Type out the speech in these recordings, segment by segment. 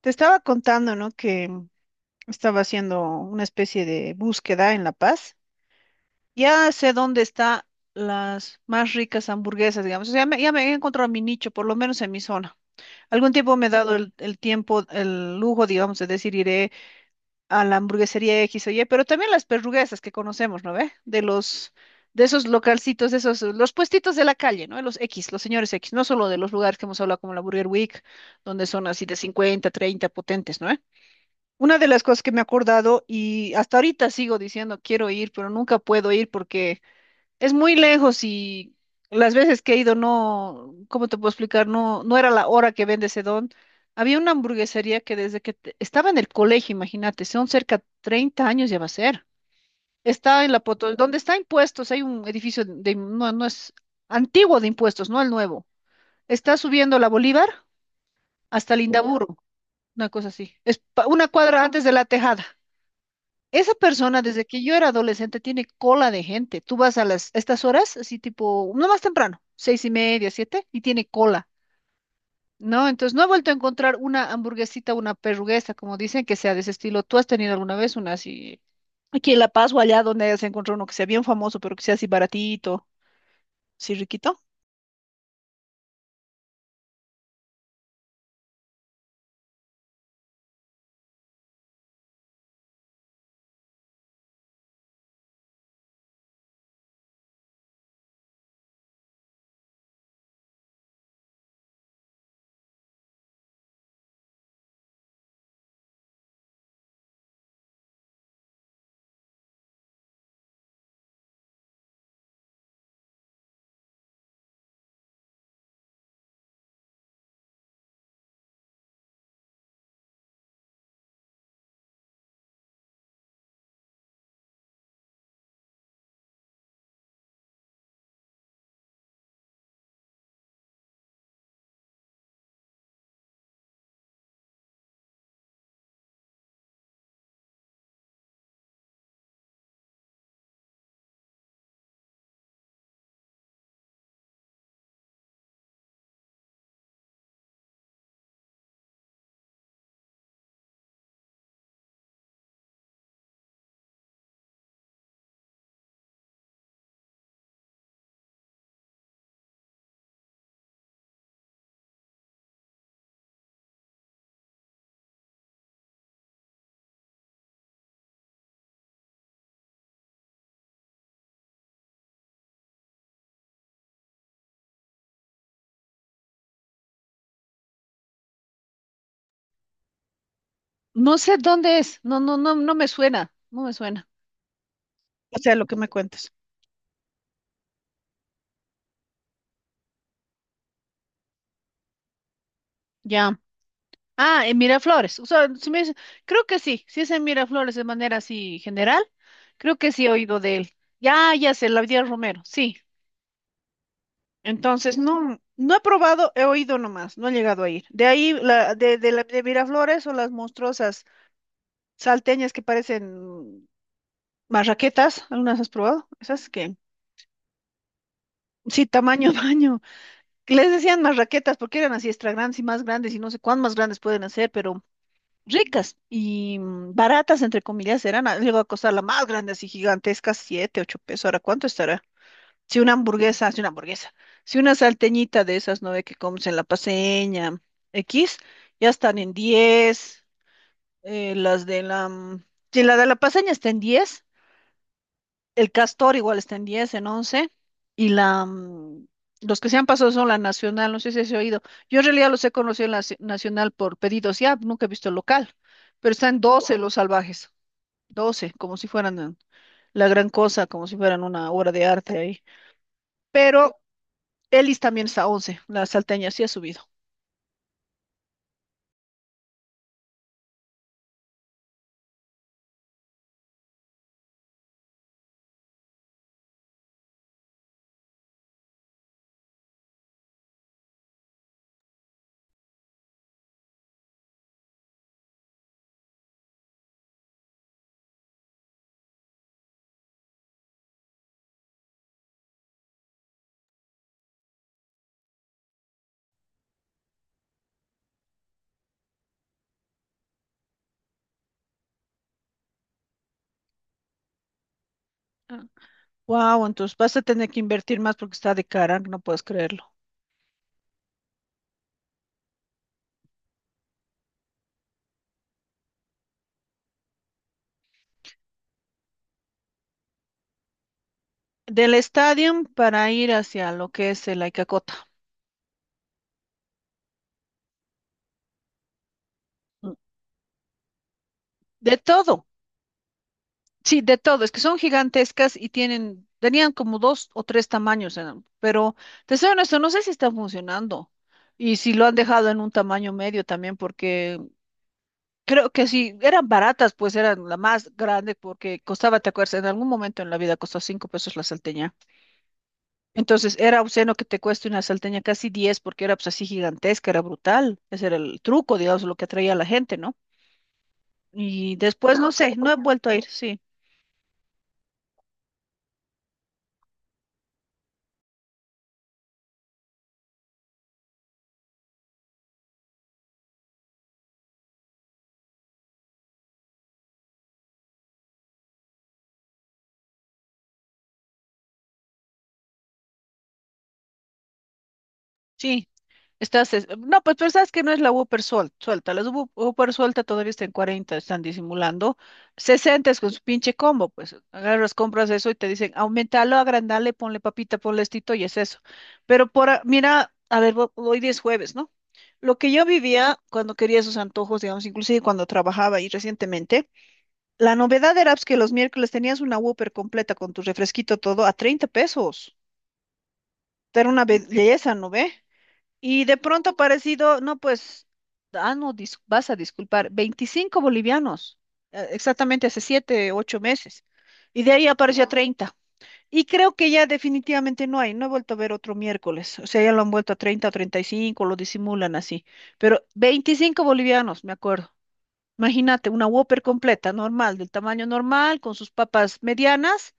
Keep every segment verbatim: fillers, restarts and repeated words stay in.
Te estaba contando, ¿no? Que estaba haciendo una especie de búsqueda en La Paz. Ya sé dónde están las más ricas hamburguesas, digamos. O sea, ya me- ya me he encontrado mi nicho, por lo menos en mi zona. Algún tiempo me he dado el, el tiempo, el lujo, digamos, de decir iré a la hamburguesería X o Y, pero también las perruguesas que conocemos, ¿no ve? De los, de esos localcitos, de esos, eh, los puestitos de la calle, ¿no? Los X, los señores X, no solo de los lugares que hemos hablado como la Burger Week, donde son así de cincuenta, treinta potentes, ¿no? Una de las cosas que me he acordado y hasta ahorita sigo diciendo quiero ir, pero nunca puedo ir porque es muy lejos y las veces que he ido no, ¿cómo te puedo explicar? No, no era la hora que vende ese don. Había una hamburguesería que desde que te- estaba en el colegio, imagínate, son cerca treinta años ya va a ser. Está en la Potosí, donde está impuestos, hay un edificio de, no, no es antiguo de impuestos, no el nuevo. Está subiendo la Bolívar hasta Lindaburo, una cosa así. Es pa- una cuadra antes de la Tejada. Esa persona, desde que yo era adolescente, tiene cola de gente. Tú vas a las, a estas horas, así tipo, no más temprano, seis y media, siete, y tiene cola, ¿no? Entonces, no he vuelto a encontrar una hamburguesita, una perruguesa, como dicen, que sea de ese estilo. ¿Tú has tenido alguna vez una así, aquí en La Paz o allá donde se encontrado uno que sea bien famoso, pero que sea así baratito, así riquito? No sé dónde es. No, no, no, no me suena. No me suena. O sea, lo que me cuentas. Ya. Ah, en Miraflores. O sea, si me dice- creo que sí. Si es en Miraflores de manera así general, creo que sí he oído de él. Ya, ya sé, la vida Romero. Sí. Entonces, No, no he probado, he oído nomás, no he llegado a ir. De ahí, la, de, de, la- de Miraflores o las monstruosas salteñas que parecen marraquetas, ¿algunas has probado? Esas que, sí, tamaño baño. Les decían más raquetas porque eran así extra grandes y más grandes y no sé cuán más grandes pueden hacer, pero ricas y mm, baratas, entre comillas, eran. a- Llegó a costar la más grande, así gigantesca, siete, ocho pesos. Ahora, ¿cuánto estará? Si una hamburguesa, si una hamburguesa, si una salteñita de esas, ¿no ve? Que comes en la Paseña, X, ya están en diez eh, las de la, mm, si la de la Paseña está en diez. El Castor igual está en diez, en once. Y la, mm, los que se han pasado son la Nacional, no sé si has oído. Yo en realidad los he conocido en la ci- Nacional por pedidos ya, nunca he visto el local. Pero están doce los salvajes, doce como si fueran eh, la gran cosa, como si fueran una obra de arte ahí. Pero Elis también está once, la salteña sí ha subido. Wow, entonces vas a tener que invertir más porque está de cara, no puedes creerlo. Del estadio para ir hacia lo que es el Aicacota. Mm. De todo. Sí, de todo, es que son gigantescas y tienen, tenían como dos o tres tamaños, eran, pero te soy honesto, no sé si están funcionando y si lo han dejado en un tamaño medio también, porque creo que si eran baratas, pues eran la más grande, porque costaba, te acuerdas, en algún momento en la vida costó cinco pesos la salteña. Entonces era obsceno que te cueste una salteña casi diez, porque era pues así gigantesca, era brutal. Ese era el truco, digamos, lo que atraía a la gente, ¿no? Y después, no sé, no he vuelto a ir, sí. Sí, Estás, es- no, pues, pero sabes que no es la Whopper suel- suelta. Las Whop- Whopper suelta todavía está en cuarenta, están disimulando. sesenta es con su pinche combo, pues agarras, compras eso y te dicen, aumentalo, agrandale, ponle papita, ponle estito y es eso. Pero por, a- mira, a ver, ho- hoy día es jueves, ¿no? Lo que yo vivía cuando quería esos antojos, digamos, inclusive cuando trabajaba y recientemente, la novedad era pues, que los miércoles tenías una Whopper completa con tu refresquito todo a treinta pesos. Era una belleza, ¿no ve? Y de pronto parecido, no, pues, ah, no, dis- vas a disculpar, veinticinco bolivianos, eh, exactamente hace siete, ocho meses. Y de ahí apareció a Wow. treinta. Y creo que ya definitivamente no hay, no he vuelto a ver otro miércoles. O sea, ya lo han vuelto a treinta o treinta y cinco, lo disimulan así. Pero veinticinco bolivianos, me acuerdo. Imagínate, una Whopper completa, normal, del tamaño normal, con sus papas medianas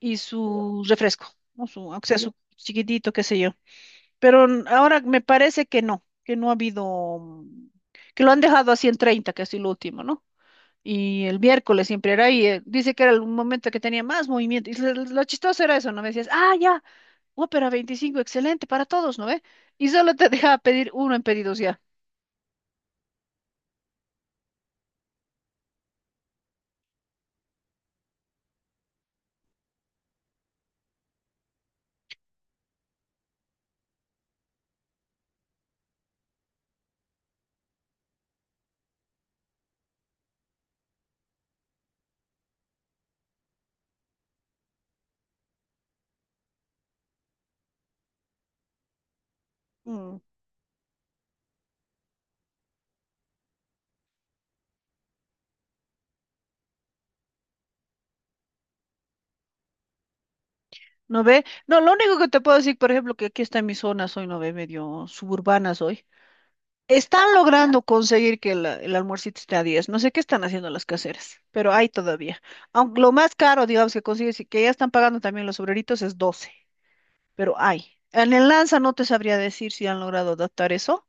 y su refresco, ¿no? Su, aunque sea su chiquitito, qué sé yo. Pero n- ahora me parece que no, que no ha habido, mm, que lo han dejado a ciento treinta que es lo último, ¿no? Y el miércoles siempre era ahí, eh, dice que era el momento que tenía más movimiento. Y lo, lo chistoso era eso, ¿no? Me decías, ah, ya, Ópera veinticinco excelente para todos, ¿no ve? Y solo te dejaba pedir uno en pedidos ya. Mm. ¿No ve? No, lo único que te puedo decir, por ejemplo, que aquí está en mi zona, soy, ¿no ve? Medio suburbana soy. Están logrando conseguir que la- el almuercito esté a diez. No sé qué están haciendo las caseras, pero hay todavía. Aunque lo más caro, digamos, que consigues y que ya están pagando también los obreritos es doce, pero hay. En el Lanza no te sabría decir si han logrado adaptar eso,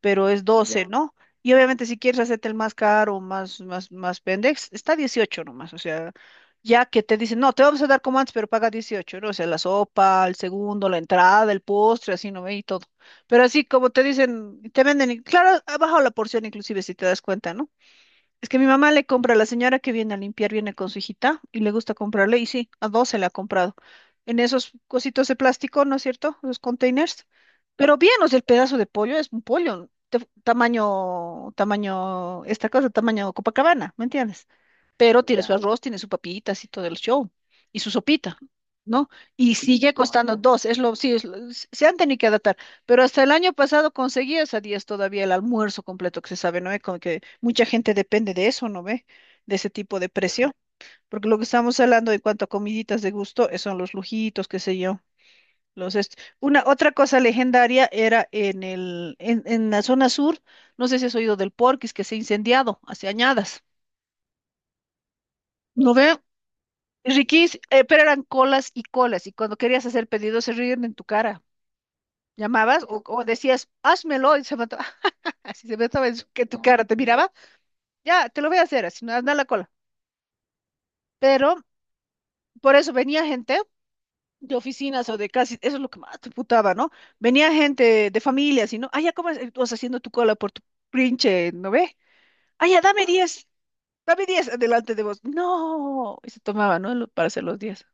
pero es doce, ya, ¿no? Y obviamente si quieres hacerte el más caro, más, más, más pendex, está dieciocho nomás, o sea, ya que te dicen, no, te vamos a dar como antes, pero paga dieciocho, ¿no? O sea, la sopa, el segundo, la entrada, el postre, así, ¿no ve? Y todo. Pero así como te dicen, te venden, y- claro, ha bajado la porción inclusive si te das cuenta, ¿no? Es que mi mamá le compra, la señora que viene a limpiar viene con su hijita y le gusta comprarle, y sí, a dos se le ha comprado. En esos cositos de plástico, ¿no es cierto? Los containers. Pero bien, o sea, el pedazo de pollo es un pollo, te- tamaño, tamaño, esta cosa, tamaño Copacabana, ¿me entiendes? Pero tiene su arroz, tiene su papitas y todo el show, y su sopita, ¿no? Y sigue costando dos, es lo, sí, es lo- s- se han tenido que adaptar, pero hasta el año pasado conseguías a diez todavía el almuerzo completo que se sabe, ¿no ve? Como que mucha gente depende de eso, ¿no ve? De ese tipo de precio, porque lo que estamos hablando en cuanto a comiditas de gusto eh, son los lujitos, qué sé yo. Los est- Una otra cosa legendaria era en el, en, en la zona sur, no sé si has oído del Porquis que se ha incendiado hace añadas. ¿No ve? Riquís, eh, pero eran colas y colas, y cuando querías hacer pedidos se ríen en tu cara. Llamabas o, o decías, házmelo, y se mató, así se mataba en su- que tu cara te miraba, ya, te lo voy a hacer, así no, anda a la cola. Pero por eso venía gente de oficinas o de casi, eso es lo que más te putaba, ¿no? Venía gente de familias y no, ah, ya, ¿cómo estás haciendo tu cola por tu pinche, no ve? Ah, ya, dame diez, dame diez adelante de vos. No, y se tomaba, ¿no? Lo- Para hacer los diez.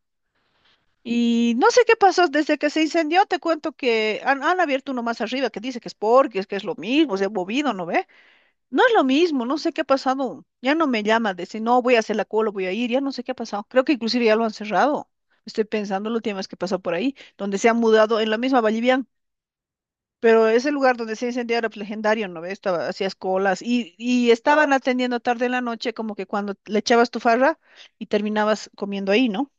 Y no sé qué pasó desde que se incendió, te cuento que han, han abierto uno más arriba que dice que es porque es que es lo mismo, se ha movido, ¿no ve? No es lo mismo, no sé qué ha pasado. Ya no me llama de decir, no, voy a hacer la cola, voy a ir, ya no sé qué ha pasado. Creo que inclusive ya lo han cerrado. Estoy pensando la última vez que pasó por ahí, donde se han mudado en la misma Vallivian, pero ese lugar donde se incendió era pues, legendario, ¿no ve? Estaba, hacías colas y, y estaban atendiendo tarde en la noche, como que cuando le echabas tu farra y terminabas comiendo ahí, ¿no?